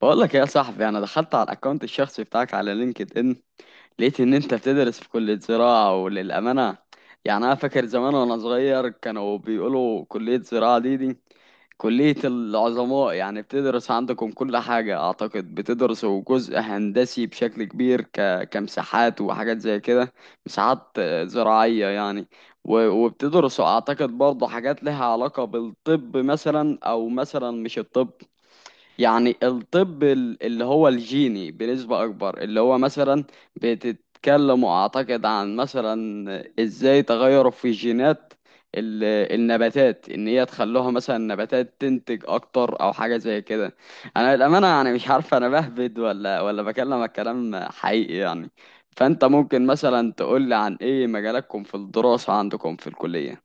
بقول لك يا صاحبي، انا دخلت على الاكونت الشخصي بتاعك على لينكد ان، لقيت ان انت بتدرس في كلية زراعة. وللأمانة انا فاكر زمان وانا صغير كانوا بيقولوا كلية زراعة دي كلية العظماء. يعني بتدرس عندكم كل حاجة، اعتقد بتدرسوا جزء هندسي بشكل كبير، كمساحات وحاجات زي كده. مساحات زراعية يعني. و... وبتدرسوا اعتقد برضه حاجات لها علاقة بالطب مثلا، او مثلا مش الطب، يعني الطب اللي هو الجيني بنسبة أكبر. اللي هو مثلا بتتكلم أعتقد عن مثلا إزاي تغيروا في جينات ال- النباتات، إن هي تخلوها مثلا النباتات تنتج أكتر أو حاجة زي كده. أنا للأمانة يعني مش عارف، أنا بهبد ولا بكلمك كلام حقيقي يعني؟ فأنت ممكن مثلا تقولي عن إيه مجالاتكم في الدراسة عندكم في الكلية.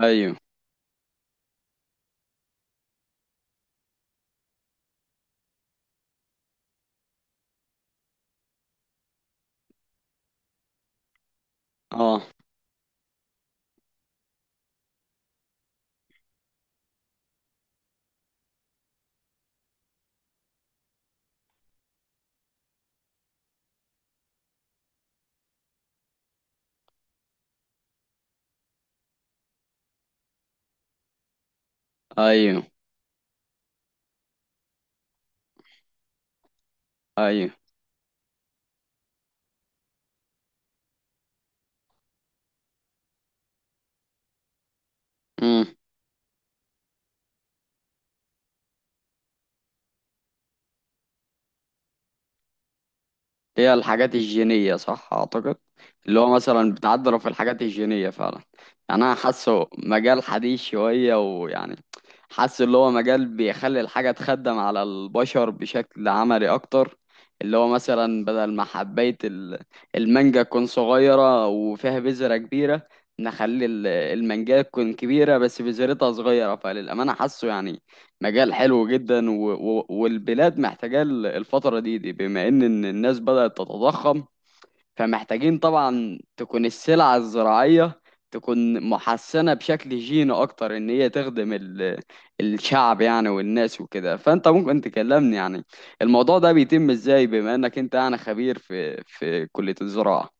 أيوه. أه. أيوه أيوه. هي الحاجات الجينية صح أعتقد؟ اللي هو مثلا بتعدل في الحاجات الجينية فعلا. يعني أنا حاسه مجال حديث شوية، ويعني حاسس اللي هو مجال بيخلي الحاجة تخدم على البشر بشكل عملي أكتر. اللي هو مثلا بدل ما حباية المانجا تكون صغيرة وفيها بذرة كبيرة، نخلي المانجا تكون كبيرة بس بذرتها صغيرة. فللأمانة حاسه يعني مجال حلو جدا، و... و... والبلاد محتاجة الفترة دي بما إن الناس بدأت تتضخم، فمحتاجين طبعا تكون السلعة الزراعية تكون محسنة بشكل جيني أكتر، إن هي تخدم الشعب يعني والناس وكده. فأنت ممكن تكلمني يعني الموضوع ده بيتم إزاي، بما إنك أنت يعني خبير في كلية الزراعة.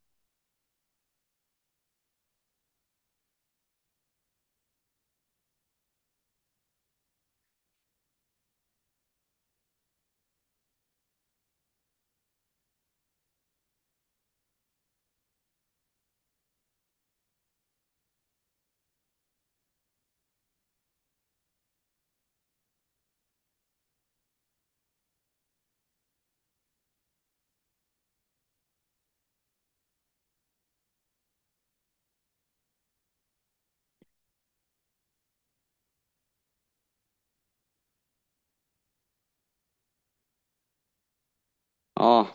آه.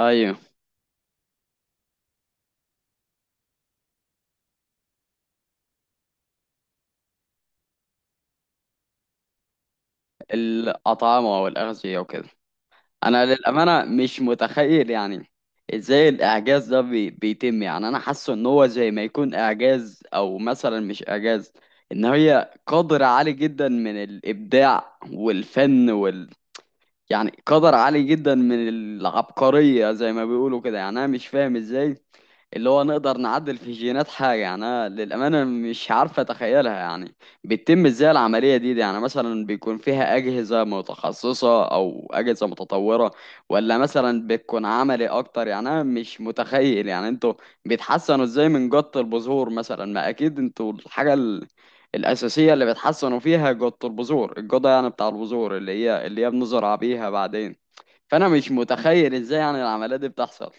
أيوه. الأطعمة والأغذية وكده. انا للامانه مش متخيل يعني ازاي الاعجاز ده بيتم. يعني انا حاسه ان هو زي ما يكون اعجاز، او مثلا مش اعجاز، ان هي قدر عالي جدا من الابداع والفن وال، يعني قدر عالي جدا من العبقريه زي ما بيقولوا كده. يعني انا مش فاهم ازاي اللي هو نقدر نعدل في جينات حاجة. يعني أنا للأمانة مش عارفة أتخيلها، يعني بتتم إزاي العملية دي؟ يعني مثلا بيكون فيها أجهزة متخصصة أو أجهزة متطورة، ولا مثلا بتكون عملي أكتر؟ يعني أنا مش متخيل يعني أنتوا بيتحسنوا إزاي من جط البذور مثلا. ما أكيد أنتوا الحاجة الأساسية اللي بتحسنوا فيها جط البذور، الجودة يعني بتاع البذور اللي هي بنزرع بيها بعدين. فأنا مش متخيل إزاي يعني العملية دي بتحصل.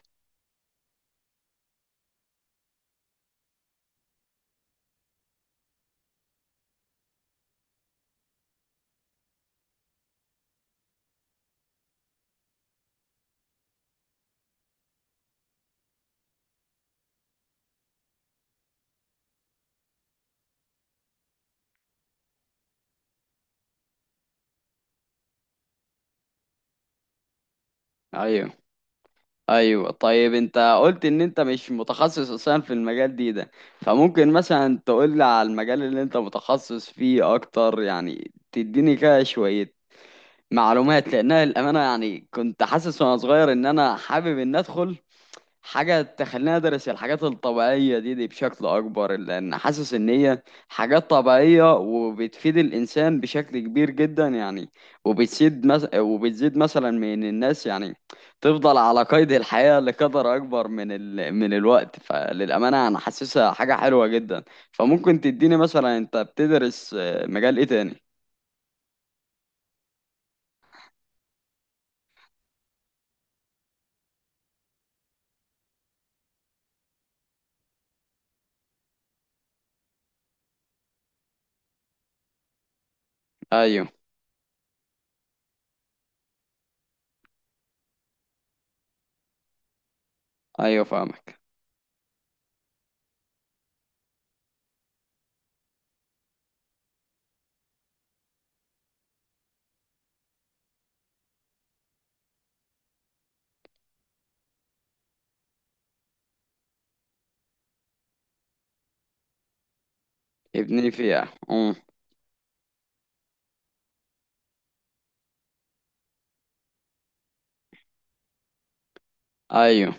أيوه. ايوه طيب، انت قلت ان انت مش متخصص اصلا في المجال ده، فممكن مثلا تقول لي على المجال اللي انت متخصص فيه اكتر يعني؟ تديني كده شوية معلومات، لانها الامانة يعني كنت حاسس وانا صغير ان انا حابب ان ادخل حاجة تخليني أدرس الحاجات الطبيعية دي بشكل أكبر، لأن حاسس إن هي حاجات طبيعية وبتفيد الإنسان بشكل كبير جدا يعني. وبتزيد مس... وبتزيد مثلا من الناس يعني تفضل على قيد الحياة لقدر أكبر من من الوقت. فللأمانة أنا حاسسها حاجة حلوة جدا. فممكن تديني مثلا أنت بتدرس مجال إيه تاني؟ أيوه. أيوه فاهمك. ابني فيها. أيوه.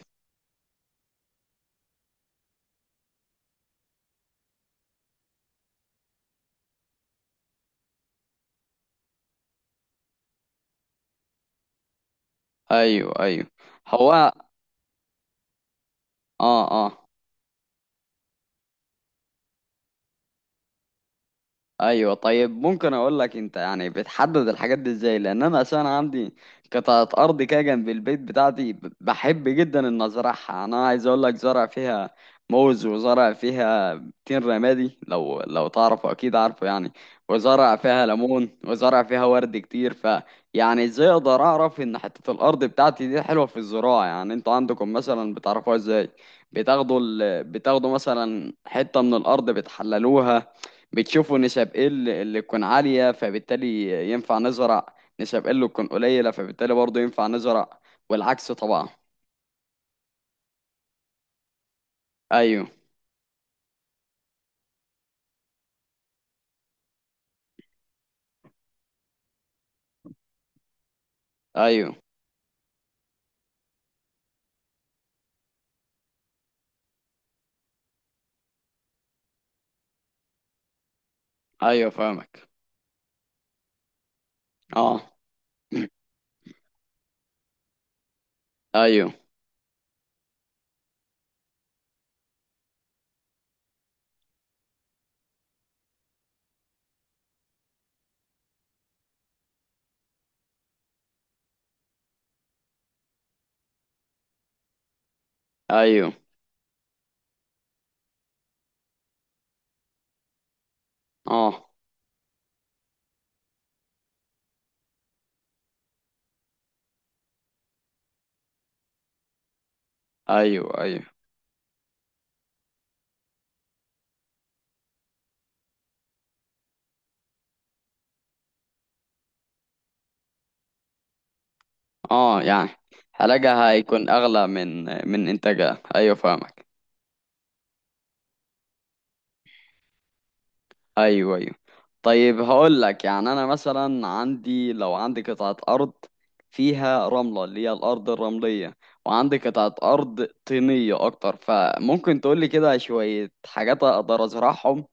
أيوه أيوه. هو. اه اه. ايوه طيب، ممكن اقول لك انت يعني بتحدد الحاجات دي ازاي؟ لان انا اساسا عندي قطعه ارض كده جنب البيت بتاعتي، بحب جدا ان ازرعها. انا عايز اقول لك زرع فيها موز، وزرع فيها تين رمادي لو تعرفه، اكيد عارفه يعني، وزرع فيها ليمون، وزرع فيها ورد كتير. ف يعني ازاي اقدر اعرف ان حته الارض بتاعتي دي حلوه في الزراعه؟ يعني انتوا عندكم مثلا بتعرفوها ازاي؟ بتاخدوا مثلا حته من الارض بتحللوها، بتشوفوا نسب ايه اللي تكون عالية فبالتالي ينفع نزرع، نسب ايه اللي تكون قليلة فبالتالي برضه ينفع نزرع والعكس طبعا. ايوه. ايوه. ايوه فاهمك. اه. ايوه. ايوه. اه. ايوه ايوه. اه يعني حلاجة هيكون اغلى من انتاجها. ايوه فاهمك. ايوه ايوه. طيب هقول لك، يعني انا مثلا عندي، لو عندي قطعة ارض فيها رملة اللي هي الارض الرملية، وعندي قطعة ارض طينية اكتر، فممكن تقول لي كده شوية حاجات اقدر ازرعهم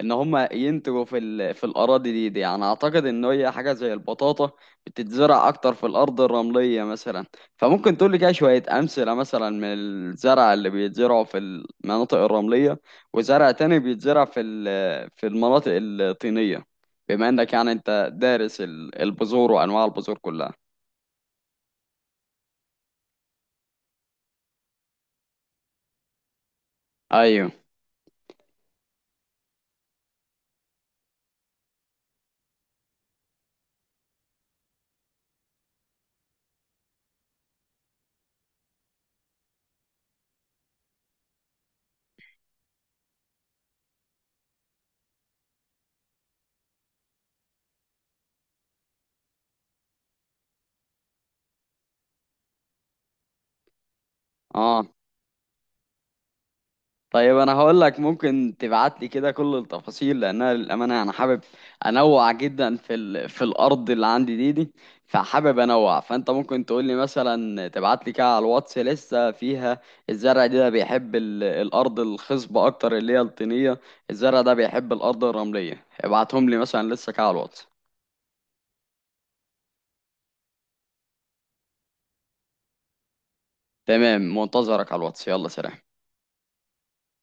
ان هم ينتجوا في الاراضي دي؟ يعني اعتقد ان هي حاجه زي البطاطا بتتزرع اكتر في الارض الرمليه مثلا. فممكن تقول لي كده شويه امثله مثلا من الزرع اللي بيتزرعوا في المناطق الرمليه، وزرع تاني بيتزرع في في المناطق الطينيه، بما انك يعني انت دارس البذور وانواع البذور كلها. ايوه. اه طيب، انا هقول لك ممكن تبعت لي كده كل التفاصيل، لانها للامانه انا حابب انوع جدا في في الارض اللي عندي دي. فحابب انوع، فانت ممكن تقول لي مثلا تبعت لي كده على الواتس لسه فيها الزرع ده بيحب الارض الخصبه اكتر اللي هي الطينيه، الزرع ده بيحب الارض الرمليه، ابعتهم لي مثلا لسه كده على الواتس. تمام، منتظرك على الواتس. يلا سلام.